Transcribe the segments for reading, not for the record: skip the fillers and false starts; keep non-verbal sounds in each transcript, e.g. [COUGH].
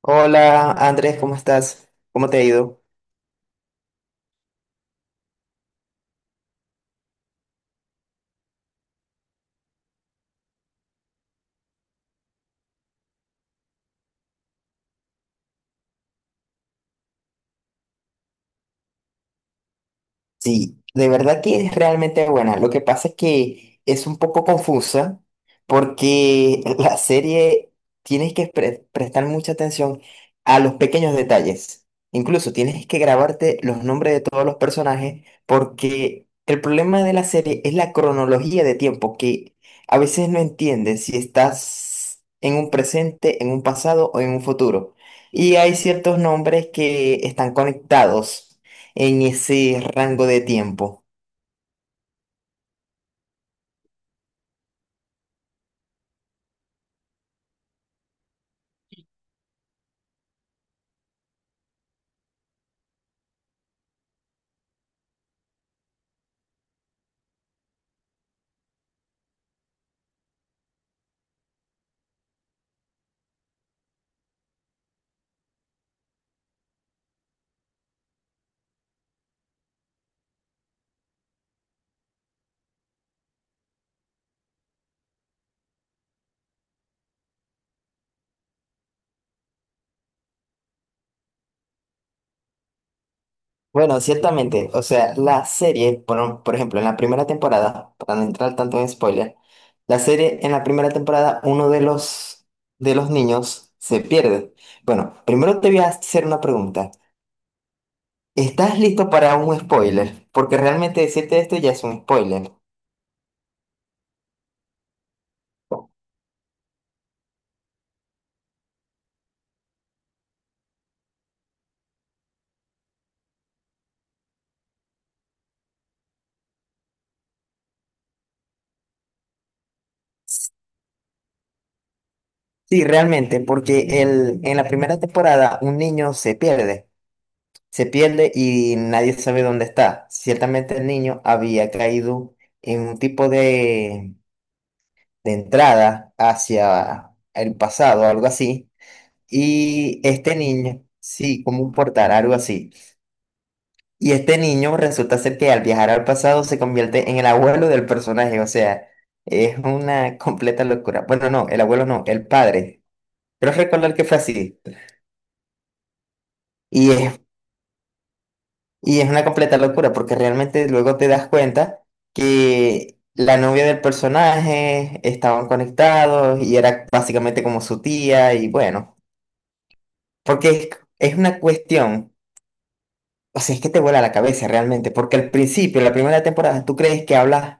Hola Andrés, ¿cómo estás? ¿Cómo te ha ido? Sí, de verdad que es realmente buena. Lo que pasa es que es un poco confusa porque [LAUGHS] la serie tienes que prestar mucha atención a los pequeños detalles. Incluso tienes que grabarte los nombres de todos los personajes porque el problema de la serie es la cronología de tiempo que a veces no entiendes si estás en un presente, en un pasado o en un futuro. Y hay ciertos nombres que están conectados en ese rango de tiempo. Bueno, ciertamente, o sea, la serie, por ejemplo, en la primera temporada, para no entrar tanto en spoiler, la serie en la primera temporada, de los niños se pierde. Bueno, primero te voy a hacer una pregunta. ¿Estás listo para un spoiler? Porque realmente decirte esto ya es un spoiler. Sí, realmente, porque en la primera temporada un niño se pierde. Se pierde y nadie sabe dónde está. Ciertamente el niño había caído en un de entrada hacia el pasado, algo así. Y este niño, sí, como un portal, algo así. Y este niño resulta ser que al viajar al pasado se convierte en el abuelo del personaje. O sea, es una [LAUGHS] completa locura. Bueno, no, el abuelo no, el padre. Pero recordar que fue así. Y es Y es una completa locura porque realmente luego te das cuenta que la novia del personaje estaban conectados y era básicamente como su tía y bueno, porque es una cuestión, o sea, es que te vuela la cabeza realmente, porque al principio, la primera temporada, tú crees que hablas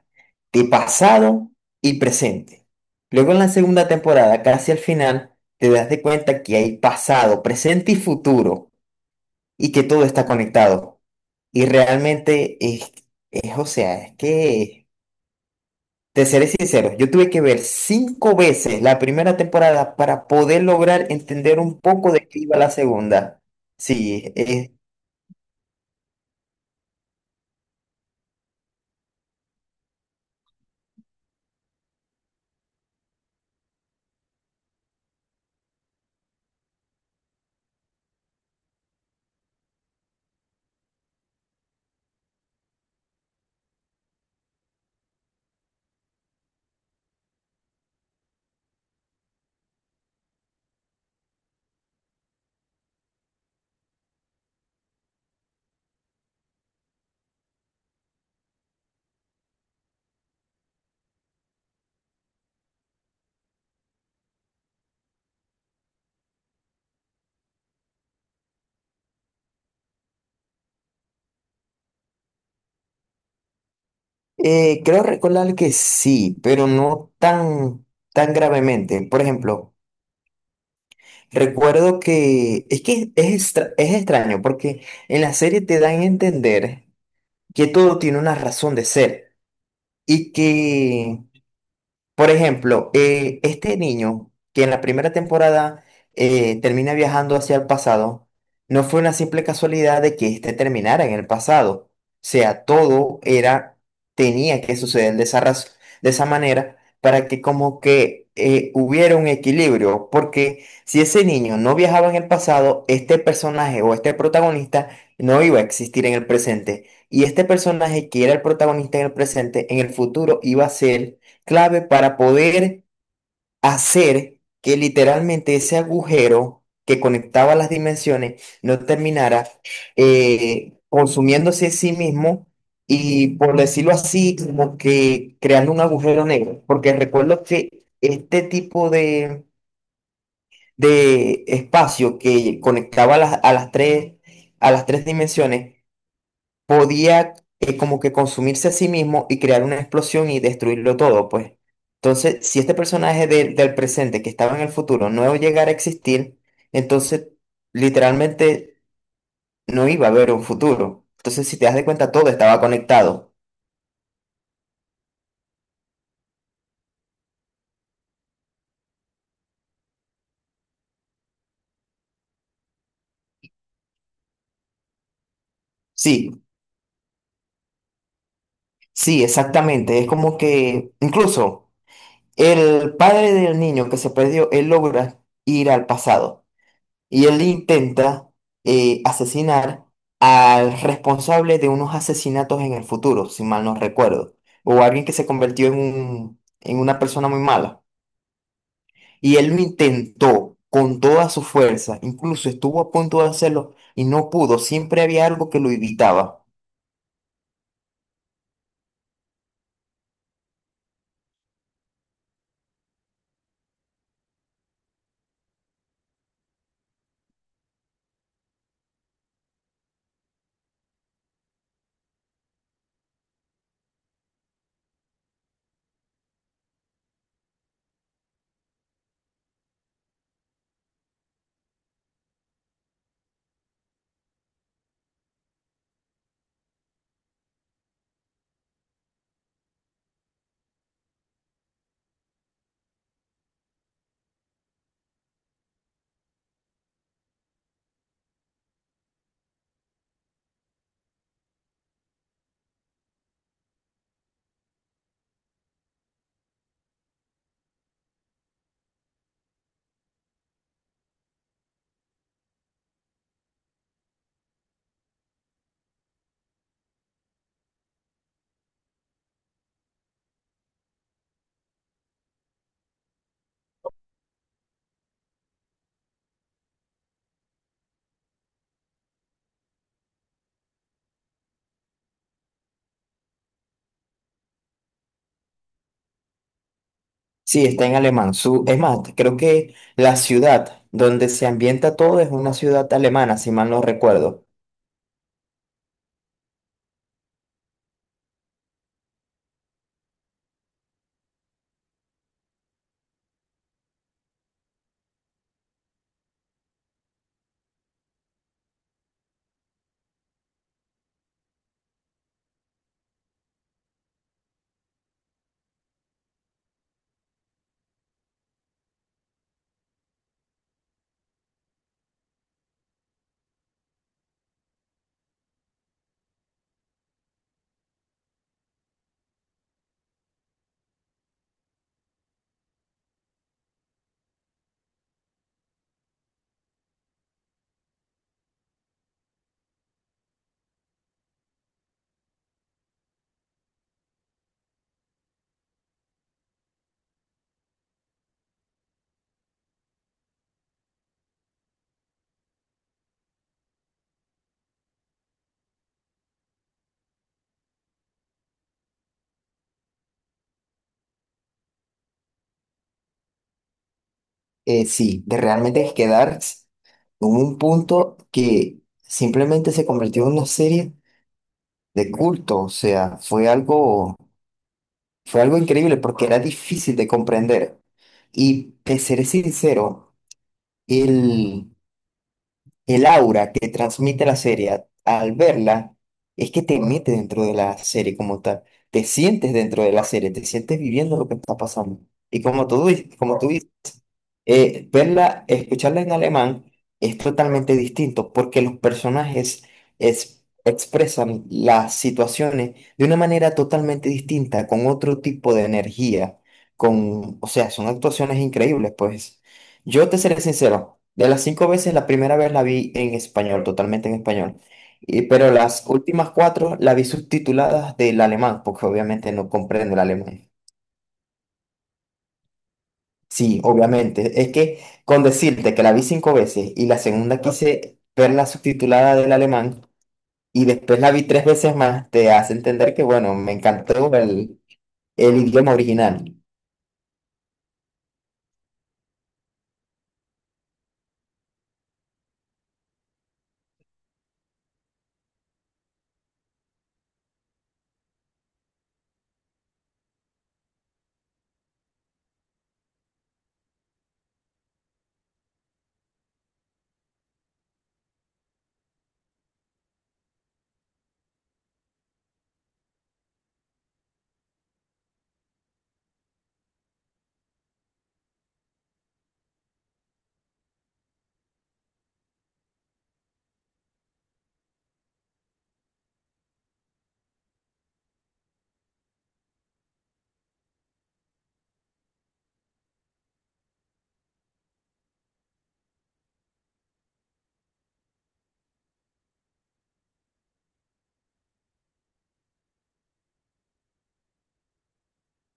de pasado y presente. Luego en la segunda temporada, casi al final, te das de cuenta que hay pasado, presente y futuro y que todo está conectado. Y realmente es, o sea, es que, te seré sincero, yo tuve que ver cinco veces la primera temporada para poder lograr entender un poco de qué iba la segunda. Sí, creo recordar que sí, pero no tan gravemente. Por ejemplo, recuerdo que es extraño porque en la serie te dan a entender que todo tiene una razón de ser y que... Por ejemplo, este niño que en la primera temporada termina viajando hacia el pasado, no fue una simple casualidad de que este terminara en el pasado. O sea, tenía que suceder de esa manera para que como que hubiera un equilibrio, porque si ese niño no viajaba en el pasado, este personaje o este protagonista no iba a existir en el presente. Y este personaje que era el protagonista en el presente, en el futuro iba a ser clave para poder hacer que literalmente ese agujero que conectaba las dimensiones no terminara consumiéndose a sí mismo y, por decirlo así, como que creando un agujero negro. Porque recuerdo que este de espacio que conectaba a las tres dimensiones, podía como que consumirse a sí mismo y crear una explosión y destruirlo todo, pues. Entonces, si este del presente que estaba en el futuro no llegara a existir, entonces literalmente no iba a haber un futuro. Entonces, si te das de cuenta, todo estaba conectado. Sí, sí, exactamente. Es como que incluso el padre del niño que se perdió, él logra ir al pasado. Y él intenta asesinar al responsable de unos asesinatos en el futuro, si mal no recuerdo, o alguien que se convirtió en una persona muy mala. Y él lo intentó con toda su fuerza, incluso estuvo a punto de hacerlo y no pudo, siempre había algo que lo evitaba. Sí, está en alemán. Su, es más, creo que la ciudad donde se ambienta todo es una ciudad alemana, si mal no recuerdo. Sí, de realmente quedar en un punto que simplemente se convirtió en una serie de culto, o sea, fue algo increíble porque era difícil de comprender. Y te seré sincero, el, el aura que transmite la serie al verla es que te mete dentro de la serie como tal, te sientes dentro de la serie, te sientes viviendo lo que está pasando. Y como tú verla, escucharla en alemán es totalmente distinto porque los personajes expresan las situaciones de una manera totalmente distinta, con otro tipo de energía, con, o sea, son actuaciones increíbles, pues. Yo te seré sincero, de las cinco veces, la primera vez la vi en español, totalmente en español. Pero las últimas cuatro la vi subtituladas del alemán, porque obviamente no comprendo el alemán. Sí, obviamente. Es que con decirte que la vi cinco veces y la segunda quise verla subtitulada del alemán y después la vi tres veces más, te hace entender que, bueno, me encantó el idioma original.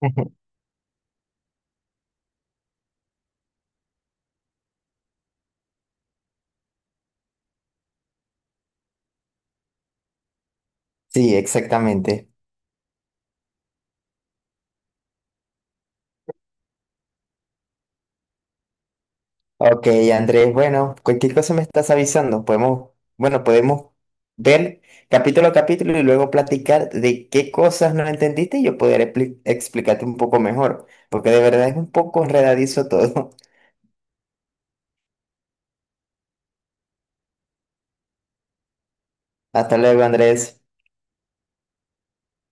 [LAUGHS] Sí, exactamente. Ok, Andrés, bueno, cualquier cosa me estás avisando. Podemos ver capítulo a capítulo y luego platicar de qué cosas no entendiste y yo poder explicarte un poco mejor, porque de verdad es un poco enredadizo todo. [LAUGHS] Hasta luego, Andrés.